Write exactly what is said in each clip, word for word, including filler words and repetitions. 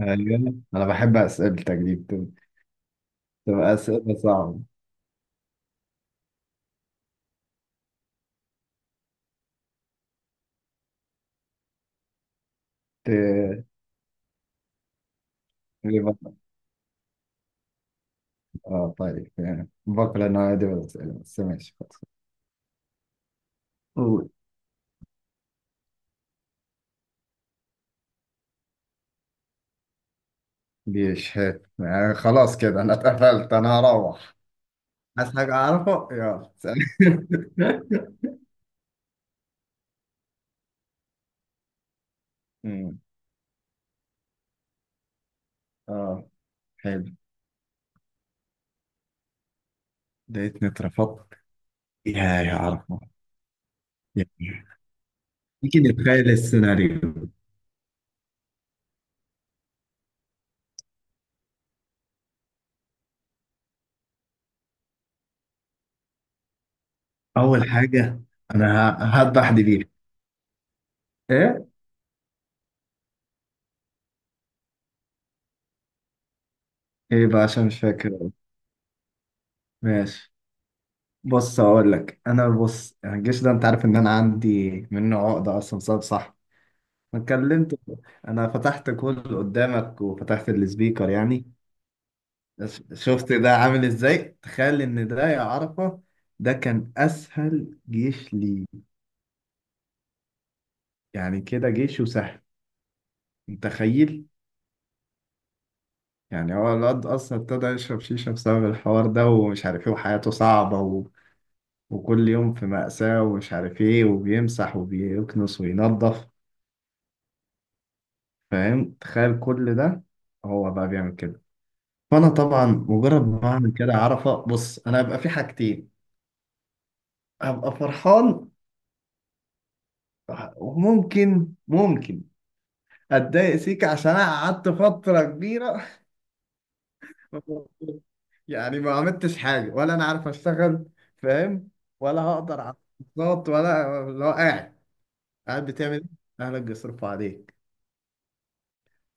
ايوه، انا بحب اسئلتك دي، بت- بتبقى اسئله صعبه. ت- بيبقى- اه، طيب يعني بكره انا عادي بالاسئله، بس ماشي خلاص. قول. ليش هيك يعني؟ خلاص كده انا اتقفلت، انا هروح. عايز حاجه اعرفه؟ يلا سلام. أمم، اه، حلو. لقيتني اترفضت. يا يا عرفه. يا- يمكن نتخيل السيناريو. اول حاجه، انا ه- هذبح دبيح ايه؟ ايه بقى؟ عشان مش فاكر. ماشي، بص هقول لك. انا بص، يعني الجيش ده، انت عارف ان انا عندي منه عقده اصلا، صعب، صح؟ ما اتكلمت. انا فتحت كل قدامك وفتحت السبيكر يعني. ش- شفت ده عامل ازاي؟ تخيل ان ده، يا عرفه، ده كان اسهل جيش لي. يعني كده جيشه سهل؟ متخيل؟ يعني هو الواد اصلا ابتدى يشرب شيشه بسبب الحوار ده، ومش عارف ايه، وحياته صعبه و... وكل يوم في مأساة، ومش عارف ايه، وبيمسح وبيكنس وينظف. فاهم؟ تخيل كل ده. هو بقى بيعمل كده. فانا طبعا مجرد ما اعمل كده، عرفه، بص، انا هبقى في حاجتين. هبقى فرحان، وممكن ممكن اتضايق سيكا عشان انا قعدت فتره كبيره. يعني ما عملتش حاجه، ولا انا عارف اشتغل، فاهم؟ ولا هقدر على الكورسات، ولا. لو قاعد، قاعد بتعمل ايه؟ اهلك بيصرفوا عليك.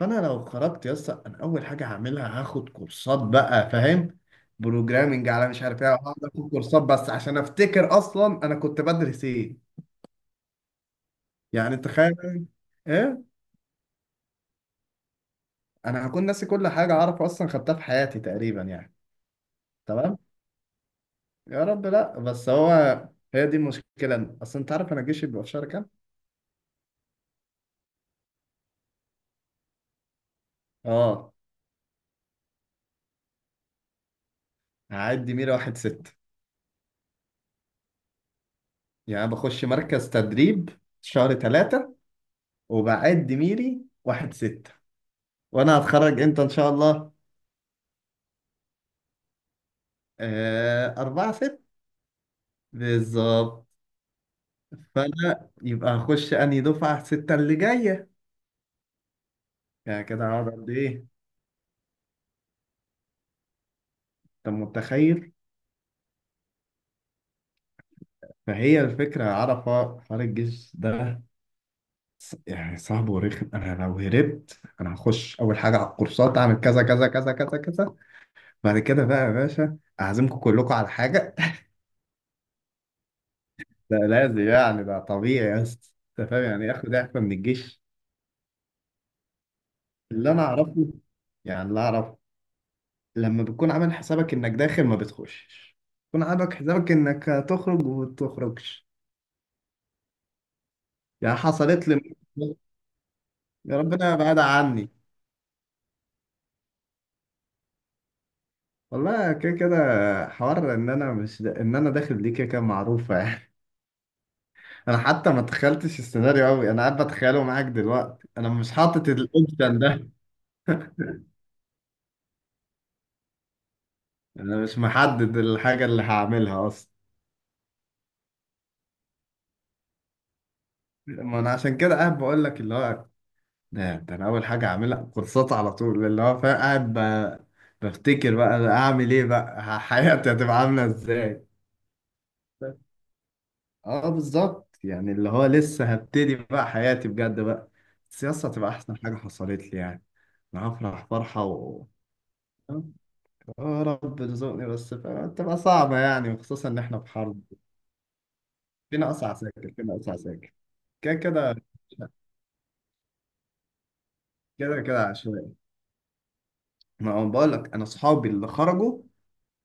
فانا لو خرجت يا اسطى، انا اول حاجه هعملها هاخد كورسات بقى، فاهم؟ بروجرامنج، على مش عارف ايه، هقعد اخد كورسات بس عشان افتكر اصلا انا كنت بدرس ايه. يعني تخيل. ايه، انا هكون ناسي كل حاجه اعرف اصلا خدتها في حياتي تقريبا يعني. تمام. يا رب لا، بس هو، هي دي المشكله اصلا. انت عارف انا الجيش بيبقى في شهر كام؟ اه، هعدي ميري واحد ست. يعني بخش مركز تدريب شهر ثلاثة، وبعد ميري واحد ستة. وانا هتخرج امتى ان شاء الله؟ آه، أربعة ست. بالظبط. فأنا يبقى هخش أنهي دفعة؟ ستة اللي جاية. يعني كده هقعد قد إيه؟ أنت متخيل؟ فهي الفكرة، عرفة، حوار الجيش ده، ص- يعني صعب ورخم. أنا لو هربت، أنا هخش أول حاجة على الكورسات، أعمل كذا كذا كذا كذا كذا. بعد كده بقى يا باشا أعزمكم كلكم على حاجة. ده لازم، يعني ده طبيعي يا اسطى. أنت فاهم يعني إيه آخد إعفاء من الجيش؟ اللي أنا أعرفه، يعني اللي أعرفه، لما بتكون عامل حسابك انك داخل، ما بتخشش. بتكون عامل حسابك انك هتخرج، وما بتخرجش. يعني حصلت لي. يا ربنا بعد عني. والله كده كده. حوار ان انا مش دا... ان انا داخل دي كده كده معروفه يعني. انا حتى ما تخيلتش السيناريو قوي، انا قاعد بتخيله معاك دلوقتي. انا مش حاطط الاوبشن ده. انا مش محدد الحاجه اللي هعملها اصلا. ما انا عشان كده قاعد بقول لك. اللي هو، ده ده انا اول حاجه اعملها كورسات على طول، اللي هو، فاهم؟ قاعد ب- بفتكر بقى. أنا اعمل ايه بقى؟ ح- حياتي هتبقى عامله ازاي؟ اه، بالظبط، يعني اللي هو لسه هبتدي بقى حياتي بجد بقى. السياسه هتبقى احسن حاجه حصلت لي يعني. انا هفرح فرحه و آه، يا رب رزقني بس. فاهم؟ تبقى صعبه يعني، وخصوصا ان احنا في حرب. فينا اصعب ساكر، فينا اصعب ساكر. كده كده. كده كده عشوائي. ما هو بقول لك، انا اصحابي اللي خرجوا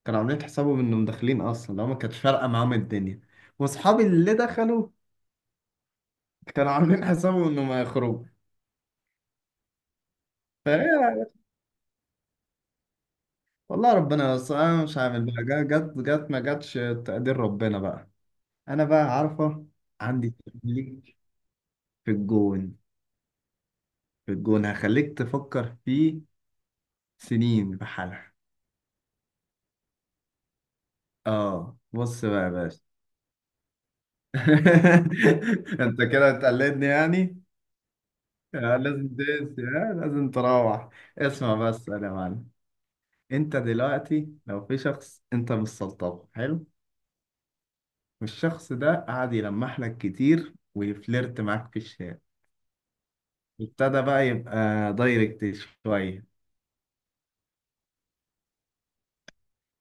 كانوا عاملين حسابهم انهم داخلين اصلا، لو ما كانت فارقه معاهم الدنيا. واصحابي اللي دخلوا كانوا عاملين حسابهم انهم ما يخرجوا. فهي، والله ربنا، بس انا مش عامل بقى، جا- جت جت ما جاتش. تقدير ربنا بقى. انا بقى عارفه. عندي ليك في الجون، في الجون هخليك تفكر فيه سنين بحالها. اه، بص بقى يا باشا. انت كده هتقلدني يعني؟ آه، لازم تقيس. آه، لازم تروح. اسمع بس يا معلم. انت دلوقتي لو في شخص، انت مش سلطبه، حلو، والشخص ده قعد يلمح لك كتير ويفلرت معاك في الشارع، ابتدى بقى يبقى دايركت شويه،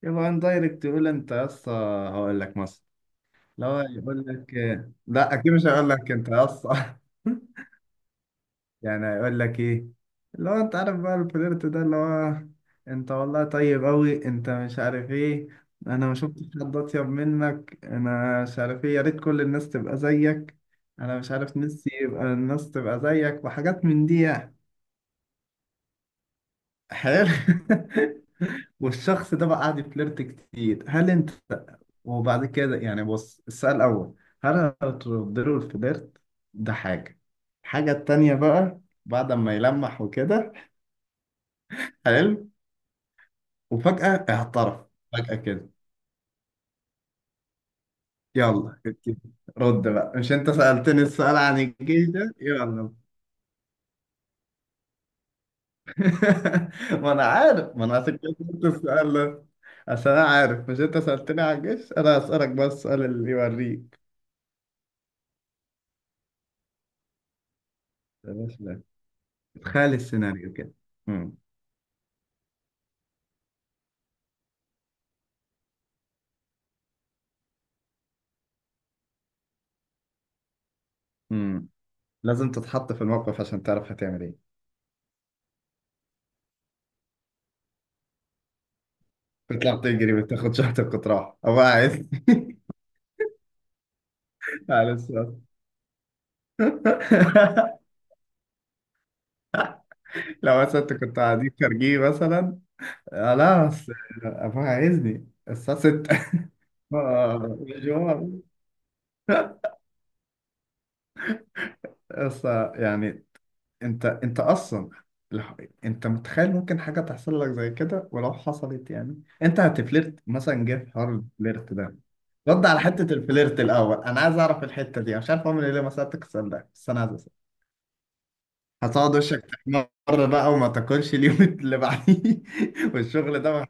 يبقى ان دايركت، يقول انت يا اسطى. هقول لك مثلا. لو يقول لك، لا، اكيد مش هقول لك انت يا اسطى. يعني هيقول لك ايه؟ اللي هو انت عارف بقى الفليرت ده، اللي هو، انت والله طيب قوي، انت مش عارف ايه، انا ما شفتش حد اطيب منك، انا مش عارف ايه، يا ريت كل الناس تبقى زيك، انا مش عارف نفسي يبقى الناس تبقى زيك، وحاجات من دي يعني. حلو. والشخص ده بقى قاعد يفليرت كتير. هل انت؟ وبعد كده يعني، بص، السؤال الأول، هل هترد له الفليرت؟ ده حاجة. الحاجة التانية بقى، بعد ما يلمح وكده، حلو، وفجأة اعترف، فجأة كده. يلا كده، رد بقى. مش انت سألتني السؤال عن الجيش ده؟ يلا. ما انا عارف، ما انا عشان كده قلت السؤال ده، عشان انا عارف، مش انت سألتني عن الجيش؟ انا هسألك بقى السؤال اللي يوريك. يا باشا لا، تخيل السيناريو كده. مم. مم. لازم تتحط في الموقف عشان تعرف هتعمل ايه. بتطلع تجري، بتاخد شنطة وتروح، او قاعد؟ على السؤال. لو مثلا انت كنت قاعدين خارجين مثلا. آه لا، بس ابوها عايزني الساعة ستة. آه، مشوار بس. يعني، انت انت اصلا، لح- انت متخيل ممكن حاجة تحصل لك زي كده؟ ولو حصلت، يعني، انت هتفلرت مثلا، جه في حوار الفلرت ده؟ رد على حتة الفلرت الأول. أنا عايز أعرف الحتة دي. أنا مش عارف أعمل إيه. ليه ما سألتك السؤال ده، بس أنا عايز أسأل. هتقعد وشك تحمر بقى وما تاكلش اليوم اللي بعديه، والشغل ده ما-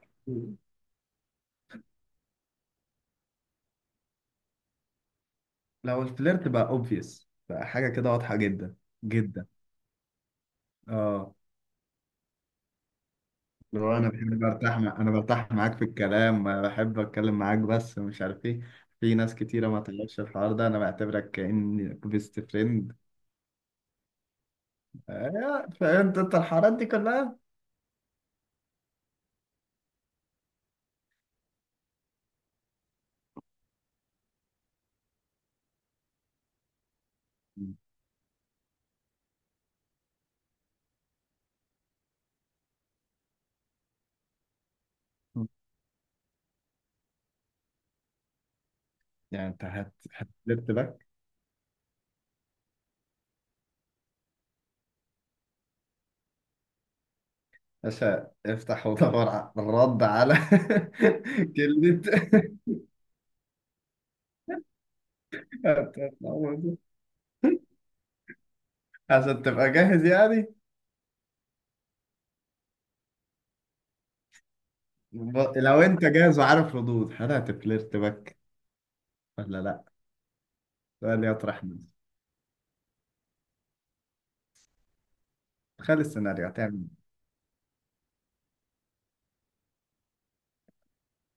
لو الفلرت بقى أوبفيس بقى حاجة كده واضحة جدا. جدا، اه. اللي هو، انا بحب برتاح مع... انا برتاح معاك في الكلام، أنا بحب اتكلم معاك، بس مش عارف ايه. في ناس كتيرة ما تعرفش الحوار ده. انا بعتبرك كأني بيست فريند. فهمت انت الحوارات دي كلها؟ مم. يعني انت هت هتلت باك، عشان افتح ودور على الرد، على كلمة. هتتعوض. عشان تبقى جاهز يعني. ب- لو انت جاهز وعارف ردود، هل هتفلرت باك ولا لا؟ سؤال يطرح نفسه. تخيل السيناريو، هتعمل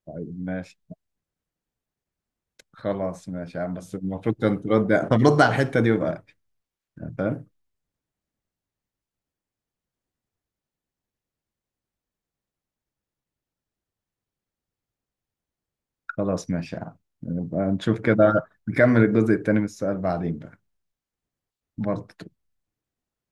إيه؟ طيب ماشي. خلاص، ماشي يا عم، بس المفروض كنت ترد يعني. طب رد على الحتة دي بقى، يعني فاهم؟ خلاص، ماشي يا عم، نبقى نشوف كده. نكمل الجزء التاني من السؤال بعدين بقى. برضه.